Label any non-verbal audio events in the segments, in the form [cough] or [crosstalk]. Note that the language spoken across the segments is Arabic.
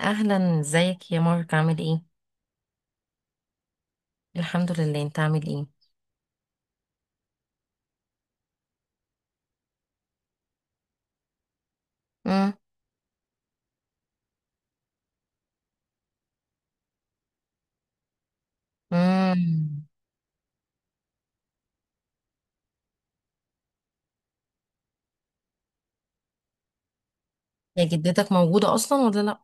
اهلا، ازيك يا مارك؟ عامل ايه؟ الحمد لله، انت عامل ايه؟ امم. امم. يا جدتك موجوده اصلا ولا لا؟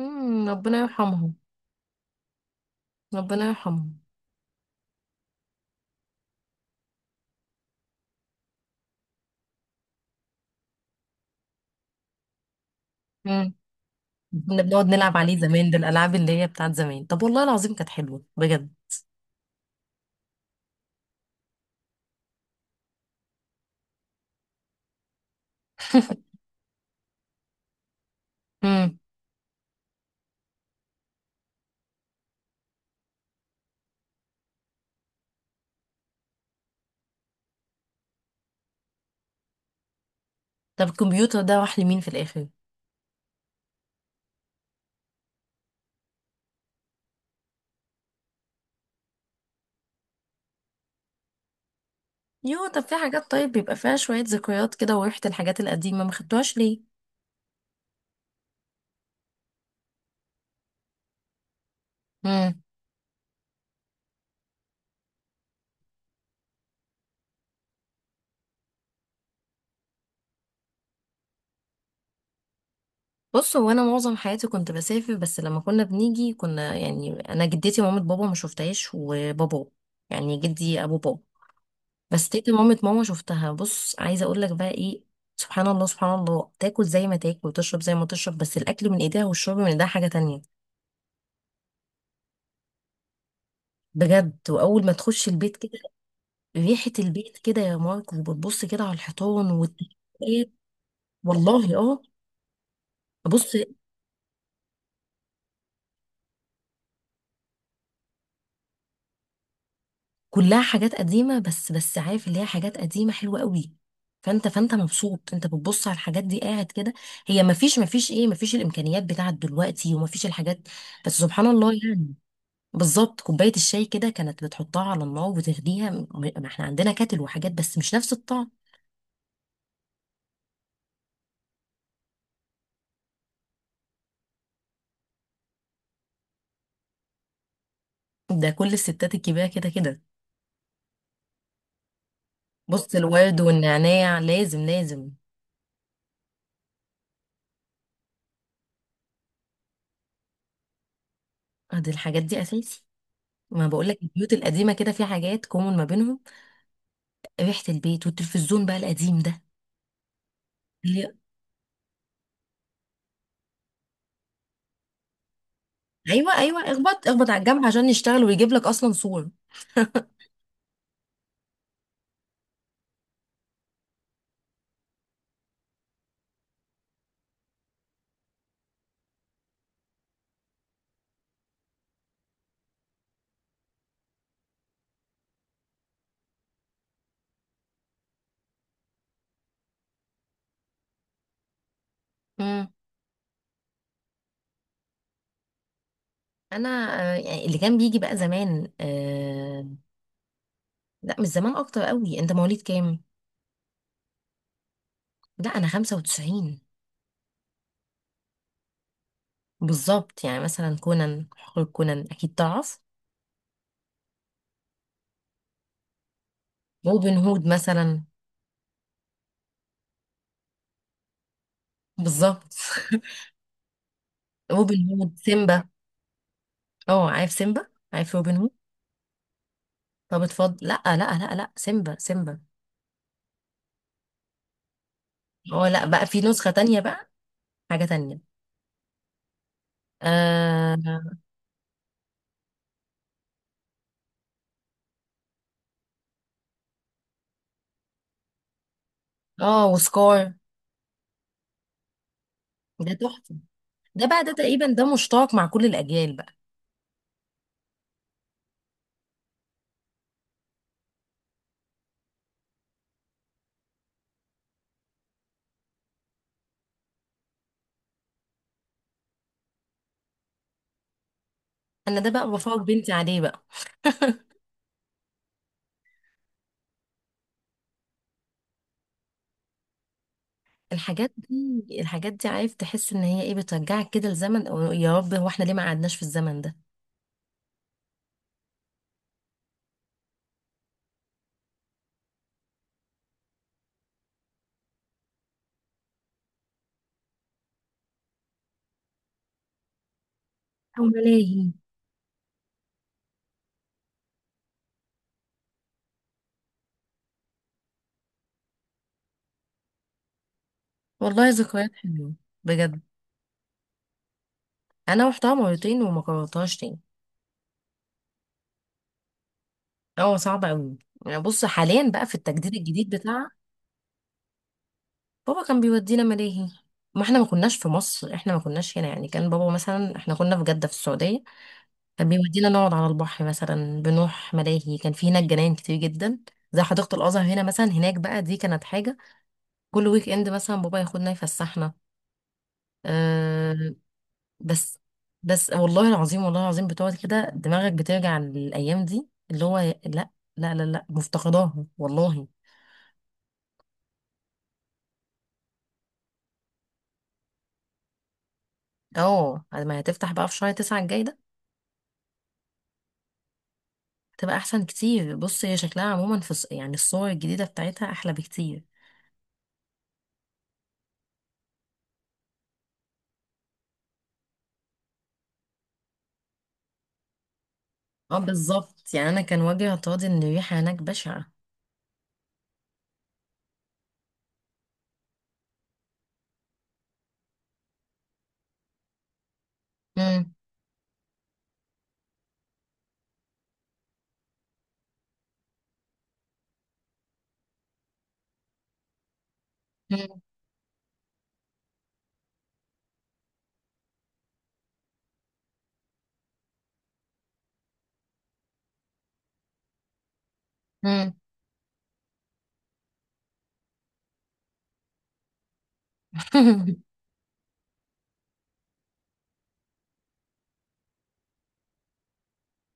امم. ربنا يرحمها. ربنا يرحمها. امم. كنا بنقعد نلعب عليه زمان، ده الالعاب اللي هي بتاعت زمان. طب والله العظيم كانت حلوه بجد. [laughs] امم. طب الكمبيوتر ده راح لمين في الاخر؟ يو، طب في حاجات طيب بيبقى فيها شويه ذكريات كده وريحه الحاجات القديمه، ما خدتوهاش ليه؟ بص، هو انا معظم حياتي كنت بسافر، بس لما كنا بنيجي كنا يعني انا جدتي ومامة بابا ما شفتهاش، وبابا يعني جدي ابو بابا، بس تيتا مامة ماما شفتها. بص عايزه اقول لك بقى ايه، سبحان الله سبحان الله، تاكل زي ما تاكل وتشرب زي ما تشرب، بس الاكل من ايديها والشرب من ايديها حاجه تانية. بجد، واول ما تخش البيت كده، ريحه البيت كده يا مارك، وبتبص كده على الحيطان والتكييفات. والله اه. بص، كلها حاجات قديمة، بس بس عارف اللي هي حاجات قديمة حلوة قوي. فانت فانت مبسوط، انت بتبص على الحاجات دي قاعد كده. هي مفيش مفيش ايه، مفيش الامكانيات بتاعت دلوقتي ومفيش الحاجات، بس سبحان الله يعني. بالظبط، كوباية الشاي كده كانت بتحطها على النار وتغليها، ما احنا عندنا كاتل وحاجات بس مش نفس الطعم. ده كل الستات الكبيرة كده كده. بص، الورد والنعناع لازم لازم. اه، دي الحاجات دي اساسي. ما بقولك البيوت القديمة كده في حاجات كومن ما بينهم، ريحة البيت والتلفزيون بقى القديم ده. ايوه ايوه، اخبط اخبط على الجنب عشان يشتغل ويجيب لك اصلا صور. امم. انا يعني اللي كان بيجي بقى زمان، آه. لا، مش زمان اكتر قوي. انت مواليد كام؟ لا انا 95. بالظبط، يعني مثلا كونان، حقوق كونان اكيد تعرف. روبن هود مثلا. بالظبط. [laughs] روبن هود سيمبا. اه عارف سيمبا، عارف روبن هود. طب اتفضل، لا لا لا لا، سيمبا سيمبا. اه، لا بقى في نسخة تانية بقى، حاجة تانية. اه. اه وسكار. ده تحفة. ده بقى ده تقريبا ده مشترك مع كل الأجيال بقى. أنا ده بقى بفرج بنتي عليه بقى. الحاجات دي الحاجات دي، عارف، تحس إن هي إيه، بترجعك كده لزمن، أو يا رب هو إحنا ليه ما قعدناش في الزمن ده. أو ملاهي. والله ذكريات حلوة. بجد. أنا رحتها مرتين وما كررتهاش تاني. هو صعب أوي. يعني بص، حاليا بقى في التجديد الجديد بتاعها. بابا كان بيودينا ملاهي. ما احنا ما كناش في مصر، احنا ما كناش هنا يعني، كان بابا مثلا احنا كنا في جدة في السعودية. كان بيودينا نقعد على البحر مثلا، بنروح ملاهي، كان في هناك جناين كتير جدا زي حديقة الأزهر هنا مثلا. هناك بقى دي كانت حاجة. كل ويك إند مثلا بابا ياخدنا يفسحنا. أه. بس بس والله العظيم والله العظيم، بتقعد كده دماغك بترجع للأيام دي اللي هو لا، لا لا لا، مفتقداها والله. اه، ما هتفتح بقى في شهر تسعة الجاي ده. تبقى أحسن كتير. بص، هي شكلها عموما في يعني الصور الجديدة بتاعتها أحلى بكتير. اه بالظبط، يعني أنا كان وجهي اعتراضي إن الريحة هناك بشعة. مم. مم. [laughs]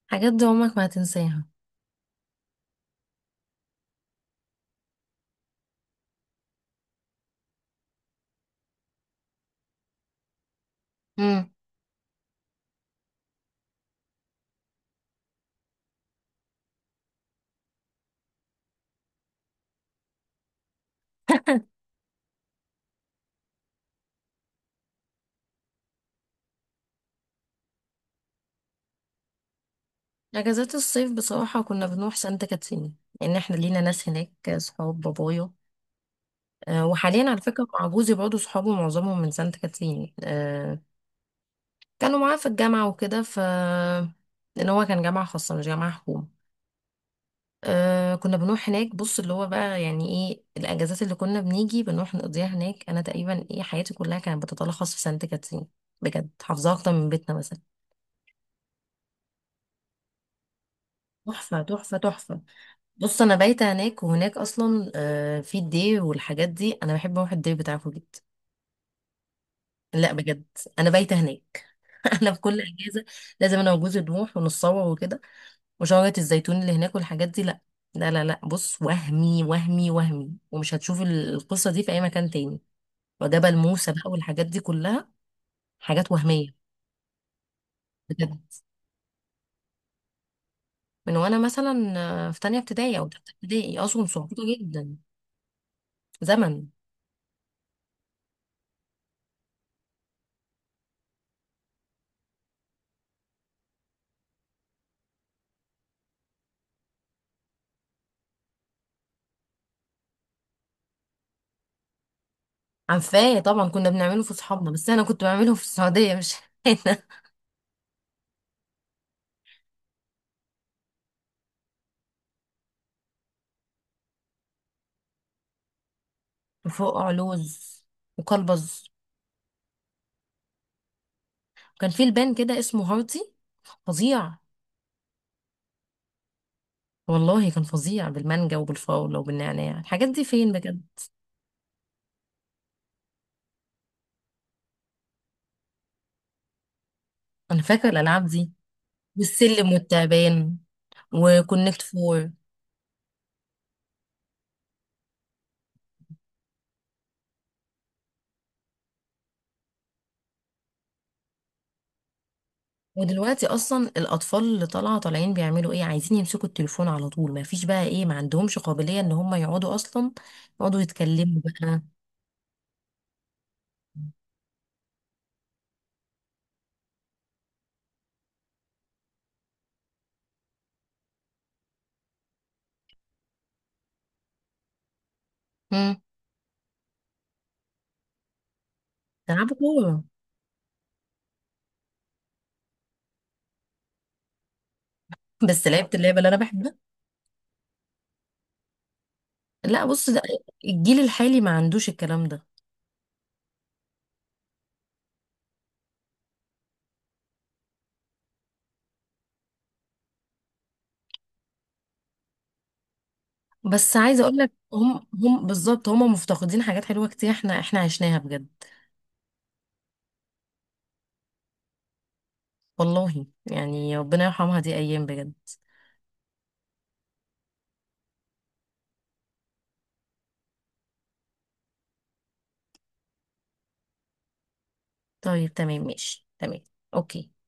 حاجات دي عمرك ما هتنساها. مم. اجازات الصيف بصراحه كنا بنروح سانت كاترين، لان احنا لينا ناس هناك، صحاب بابايا. أه، وحاليا على فكره مع جوزي برضه صحابه معظمهم من سانت كاترين. أه كانوا معاه في الجامعه وكده، ف لان هو كان جامعه خاصه مش جامعه حكومه. أه كنا بنروح هناك. بص اللي هو بقى يعني ايه الاجازات اللي كنا بنيجي بنروح نقضيها هناك، انا تقريبا ايه حياتي كلها كانت بتتلخص في سانت كاترين. بجد، حافظاها اكتر من بيتنا مثلا. تحفه تحفه تحفه. بص انا بايته هناك، وهناك اصلا في الدي والحاجات دي، انا بحب اروح الدي بتاعكم جدا. لا بجد. انا بايته هناك. [laughs] انا في كل اجازه لازم انا وجوزي نروح ونتصور وكده، وشجره الزيتون اللي هناك والحاجات دي. لا، لا لا لا، بص، وهمي وهمي وهمي، ومش هتشوف القصه دي في اي مكان تاني. وجبل موسى بقى والحاجات دي كلها حاجات وهميه. بجد. من وانا مثلا في تانية ابتدائي او تالتة ابتدائي، اصلا صعوبه جدا. زمن. عارفاه طبعا، كنا بنعمله في صحابنا، بس انا كنت بعمله في السعوديه مش [laughs] هنا. وفوق لوز، وكلبز. وكان في لبان كده اسمه هارتي، فظيع. والله كان فظيع، بالمانجا وبالفراوله وبالنعناع. الحاجات دي فين بجد؟ انا فاكره الالعاب دي، والسلم والتعبان، وكونكت فور. ودلوقتي اصلا الاطفال اللي طالعه طالعين بيعملوا ايه؟ عايزين يمسكوا التليفون على طول. ما فيش بقى ايه، ما عندهمش قابليه ان هم يقعدوا اصلا يقعدوا يتكلموا بقى. امم. يلعبوا كوره. بس لعبت اللعبة اللي انا بحبها. لا بص، ده الجيل الحالي ما عندوش الكلام ده. بس عايزة اقول لك، هم هم بالظبط هم مفتقدين حاجات حلوة كتير، احنا احنا عشناها بجد. والله يعني ربنا يرحمها، دي ايام بجد. طيب تمام، ماشي تمام. اوكي.